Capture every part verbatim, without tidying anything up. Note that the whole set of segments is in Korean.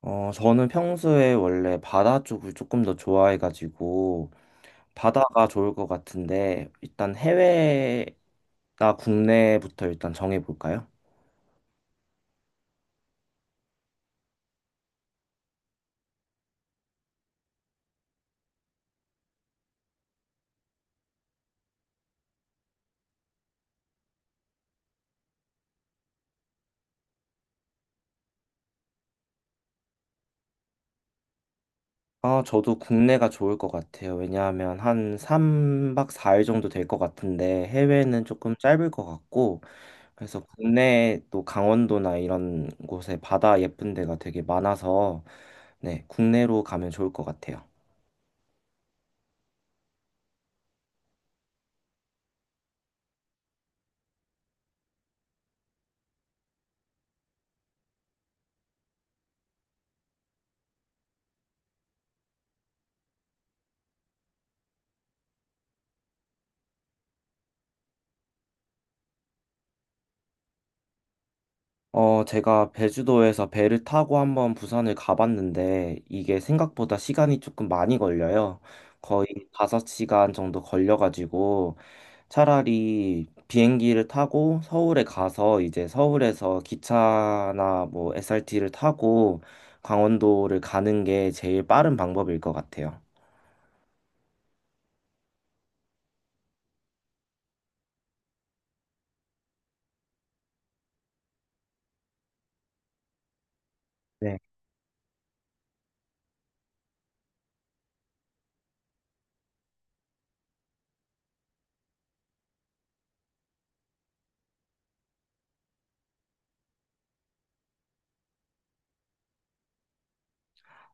어, 저는 평소에 원래 바다 쪽을 조금 더 좋아해가지고, 바다가 좋을 것 같은데, 일단 해외나 국내부터 일단 정해볼까요? 아, 저도 국내가 좋을 것 같아요. 왜냐하면 한 삼 박 사 일 정도 될 것 같은데, 해외는 조금 짧을 것 같고, 그래서 국내 또 강원도나 이런 곳에 바다 예쁜 데가 되게 많아서, 네, 국내로 가면 좋을 것 같아요. 어, 제가 제주도에서 배를 타고 한번 부산을 가봤는데 이게 생각보다 시간이 조금 많이 걸려요. 거의 다섯 시간 정도 걸려가지고 차라리 비행기를 타고 서울에 가서 이제 서울에서 기차나 뭐 에스알티를 타고 강원도를 가는 게 제일 빠른 방법일 것 같아요. 네.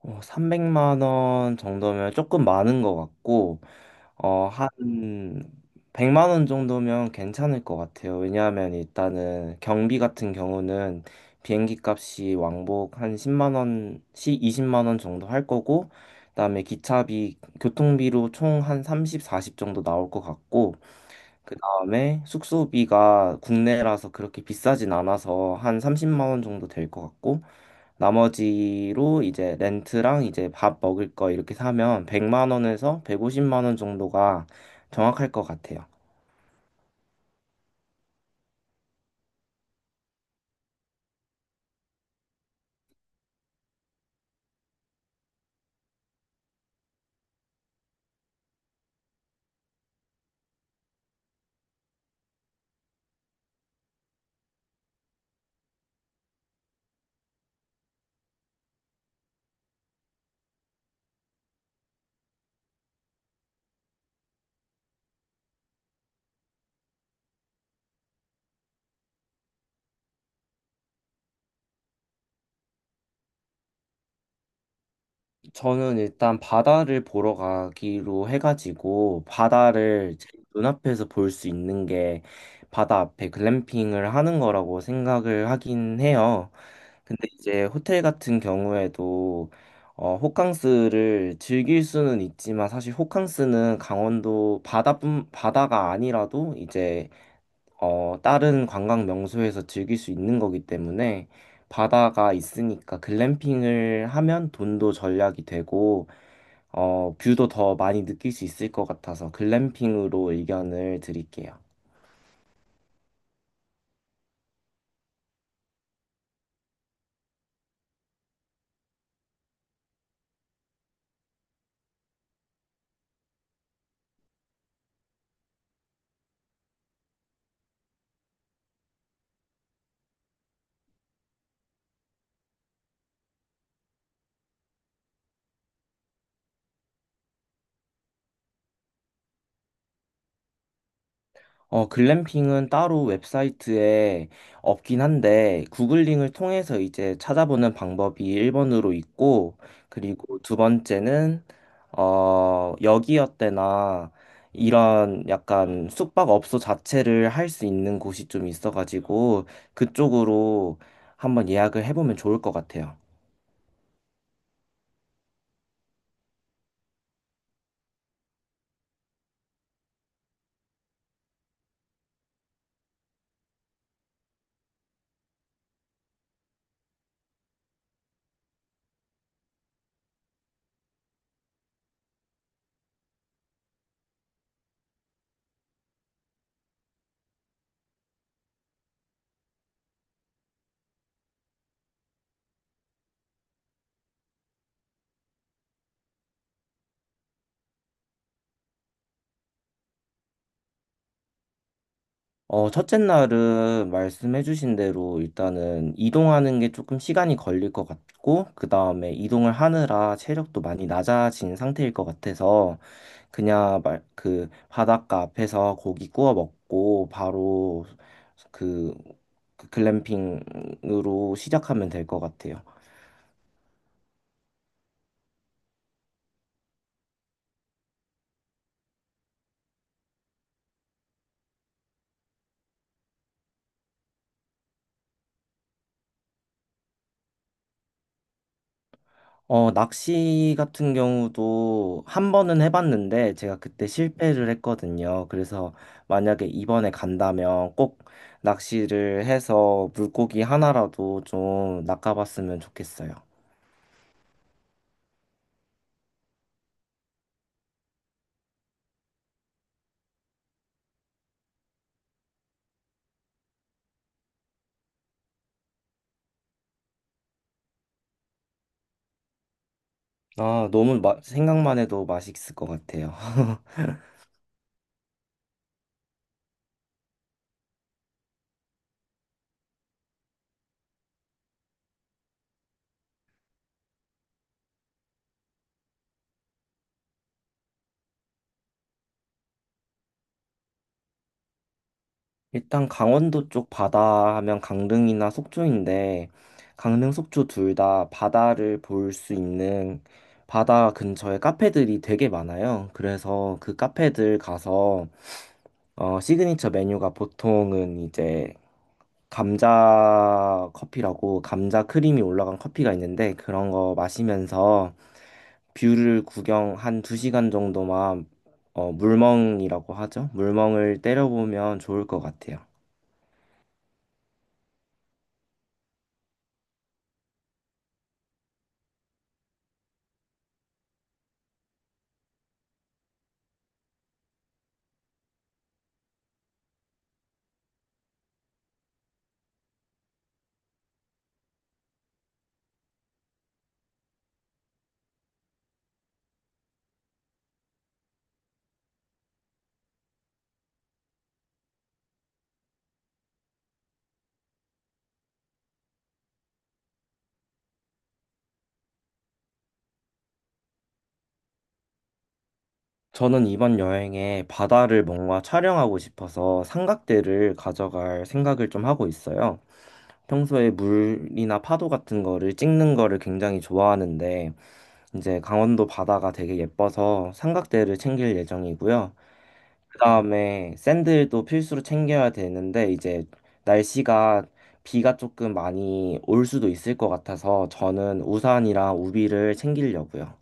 어, 삼백만 원 정도면 조금 많은 것 같고 어, 한 백만 원 정도면 괜찮을 것 같아요. 왜냐하면 일단은 경비 같은 경우는 비행기 값이 왕복 한 십만 원씩 이십만 원 정도 할 거고, 그다음에 기차비, 교통비로 총 한 삼십, 사십 정도 나올 것 같고, 그다음에 숙소비가 국내라서 그렇게 비싸진 않아서 한 삼십만 원 정도 될 것 같고, 나머지로 이제 렌트랑 이제 밥 먹을 거 이렇게 사면 백만 원에서 백오십만 원 정도가 정확할 것 같아요. 저는 일단 바다를 보러 가기로 해가지고 바다를 제 눈앞에서 볼 수 있는 게 바다 앞에 글램핑을 하는 거라고 생각을 하긴 해요. 근데 이제 호텔 같은 경우에도 어, 호캉스를 즐길 수는 있지만 사실 호캉스는 강원도 바다뿐 바다가 아니라도 이제 어, 다른 관광 명소에서 즐길 수 있는 거기 때문에 바다가 있으니까 글램핑을 하면 돈도 절약이 되고 어, 뷰도 더 많이 느낄 수 있을 것 같아서 글램핑으로 의견을 드릴게요. 어, 글램핑은 따로 웹사이트에 없긴 한데, 구글링을 통해서 이제 찾아보는 방법이 일 번으로 있고, 그리고 두 번째는, 어, 여기어때나 이런 약간 숙박업소 자체를 할 수 있는 곳이 좀 있어가지고, 그쪽으로 한번 예약을 해보면 좋을 것 같아요. 어, 첫째 날은 말씀해주신 대로 일단은 이동하는 게 조금 시간이 걸릴 것 같고, 그 다음에 이동을 하느라 체력도 많이 낮아진 상태일 것 같아서, 그냥 말, 그 바닷가 앞에서 고기 구워 먹고, 바로 그, 그 글램핑으로 시작하면 될 것 같아요. 어, 낚시 같은 경우도 한 번은 해봤는데 제가 그때 실패를 했거든요. 그래서 만약에 이번에 간다면 꼭 낚시를 해서 물고기 하나라도 좀 낚아봤으면 좋겠어요. 아, 너무 마- 생각만 해도 맛있을 것 같아요. 일단 강원도 쪽 바다 하면 강릉이나 속초인데 강릉, 속초 둘 다 바다를 볼 수 있는 바다 근처에 카페들이 되게 많아요. 그래서 그 카페들 가서 어, 시그니처 메뉴가 보통은 이제 감자 커피라고 감자 크림이 올라간 커피가 있는데 그런 거 마시면서 뷰를 구경 한 두 시간 정도만 어, 물멍이라고 하죠. 물멍을 때려보면 좋을 것 같아요. 저는 이번 여행에 바다를 뭔가 촬영하고 싶어서 삼각대를 가져갈 생각을 좀 하고 있어요. 평소에 물이나 파도 같은 거를 찍는 거를 굉장히 좋아하는데, 이제 강원도 바다가 되게 예뻐서 삼각대를 챙길 예정이고요. 그다음에 샌들도 필수로 챙겨야 되는데, 이제 날씨가 비가 조금 많이 올 수도 있을 것 같아서 저는 우산이랑 우비를 챙기려고요.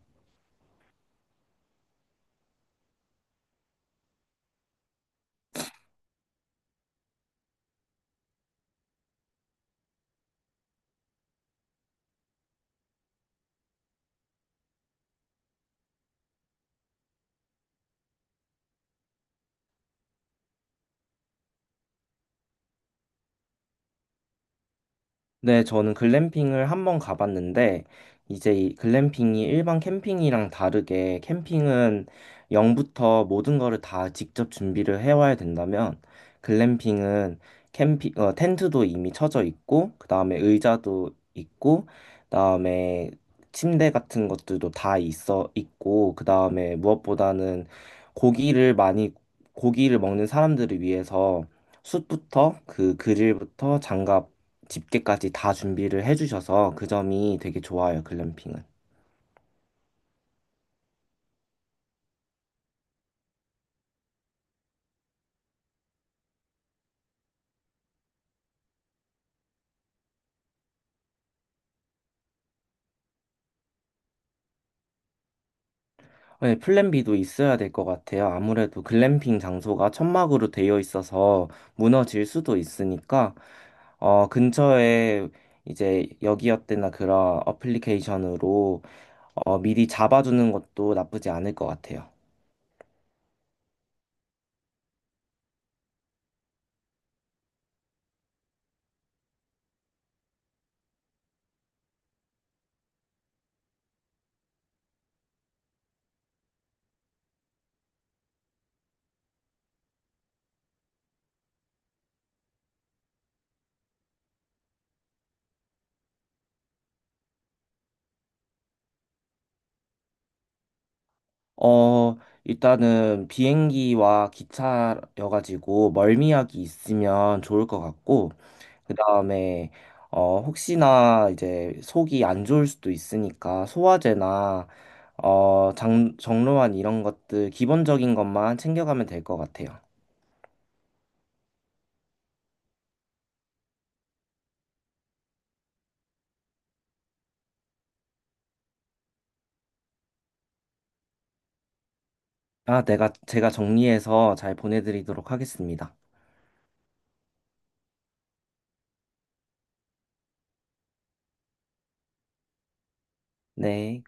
네, 저는 글램핑을 한번 가봤는데, 이제 이 글램핑이 일반 캠핑이랑 다르게 캠핑은 영부터 모든 거를 다 직접 준비를 해와야 된다면, 글램핑은 캠핑, 어, 텐트도 이미 쳐져 있고, 그 다음에 의자도 있고, 그 다음에 침대 같은 것들도 다 있어 있고, 그 다음에 무엇보다는 고기를 많이, 고기를 먹는 사람들을 위해서 숯부터 그 그릴부터 장갑 집게까지 다 준비를 해주셔서 그 점이 되게 좋아요, 글램핑은. 네, 플랜 B도 있어야 될 것 같아요. 아무래도 글램핑 장소가 천막으로 되어 있어서 무너질 수도 있으니까, 어, 근처에 이제 여기어때나 그런 어플리케이션으로 어, 미리 잡아주는 것도 나쁘지 않을 것 같아요. 어, 일단은 비행기와 기차여가지고 멀미약이 있으면 좋을 것 같고, 그다음에 어 혹시나 이제 속이 안 좋을 수도 있으니까 소화제나 어 장, 정로환 이런 것들 기본적인 것만 챙겨가면 될 것 같아요. 아, 내가 제가 정리해서 잘 보내드리도록 하겠습니다. 네.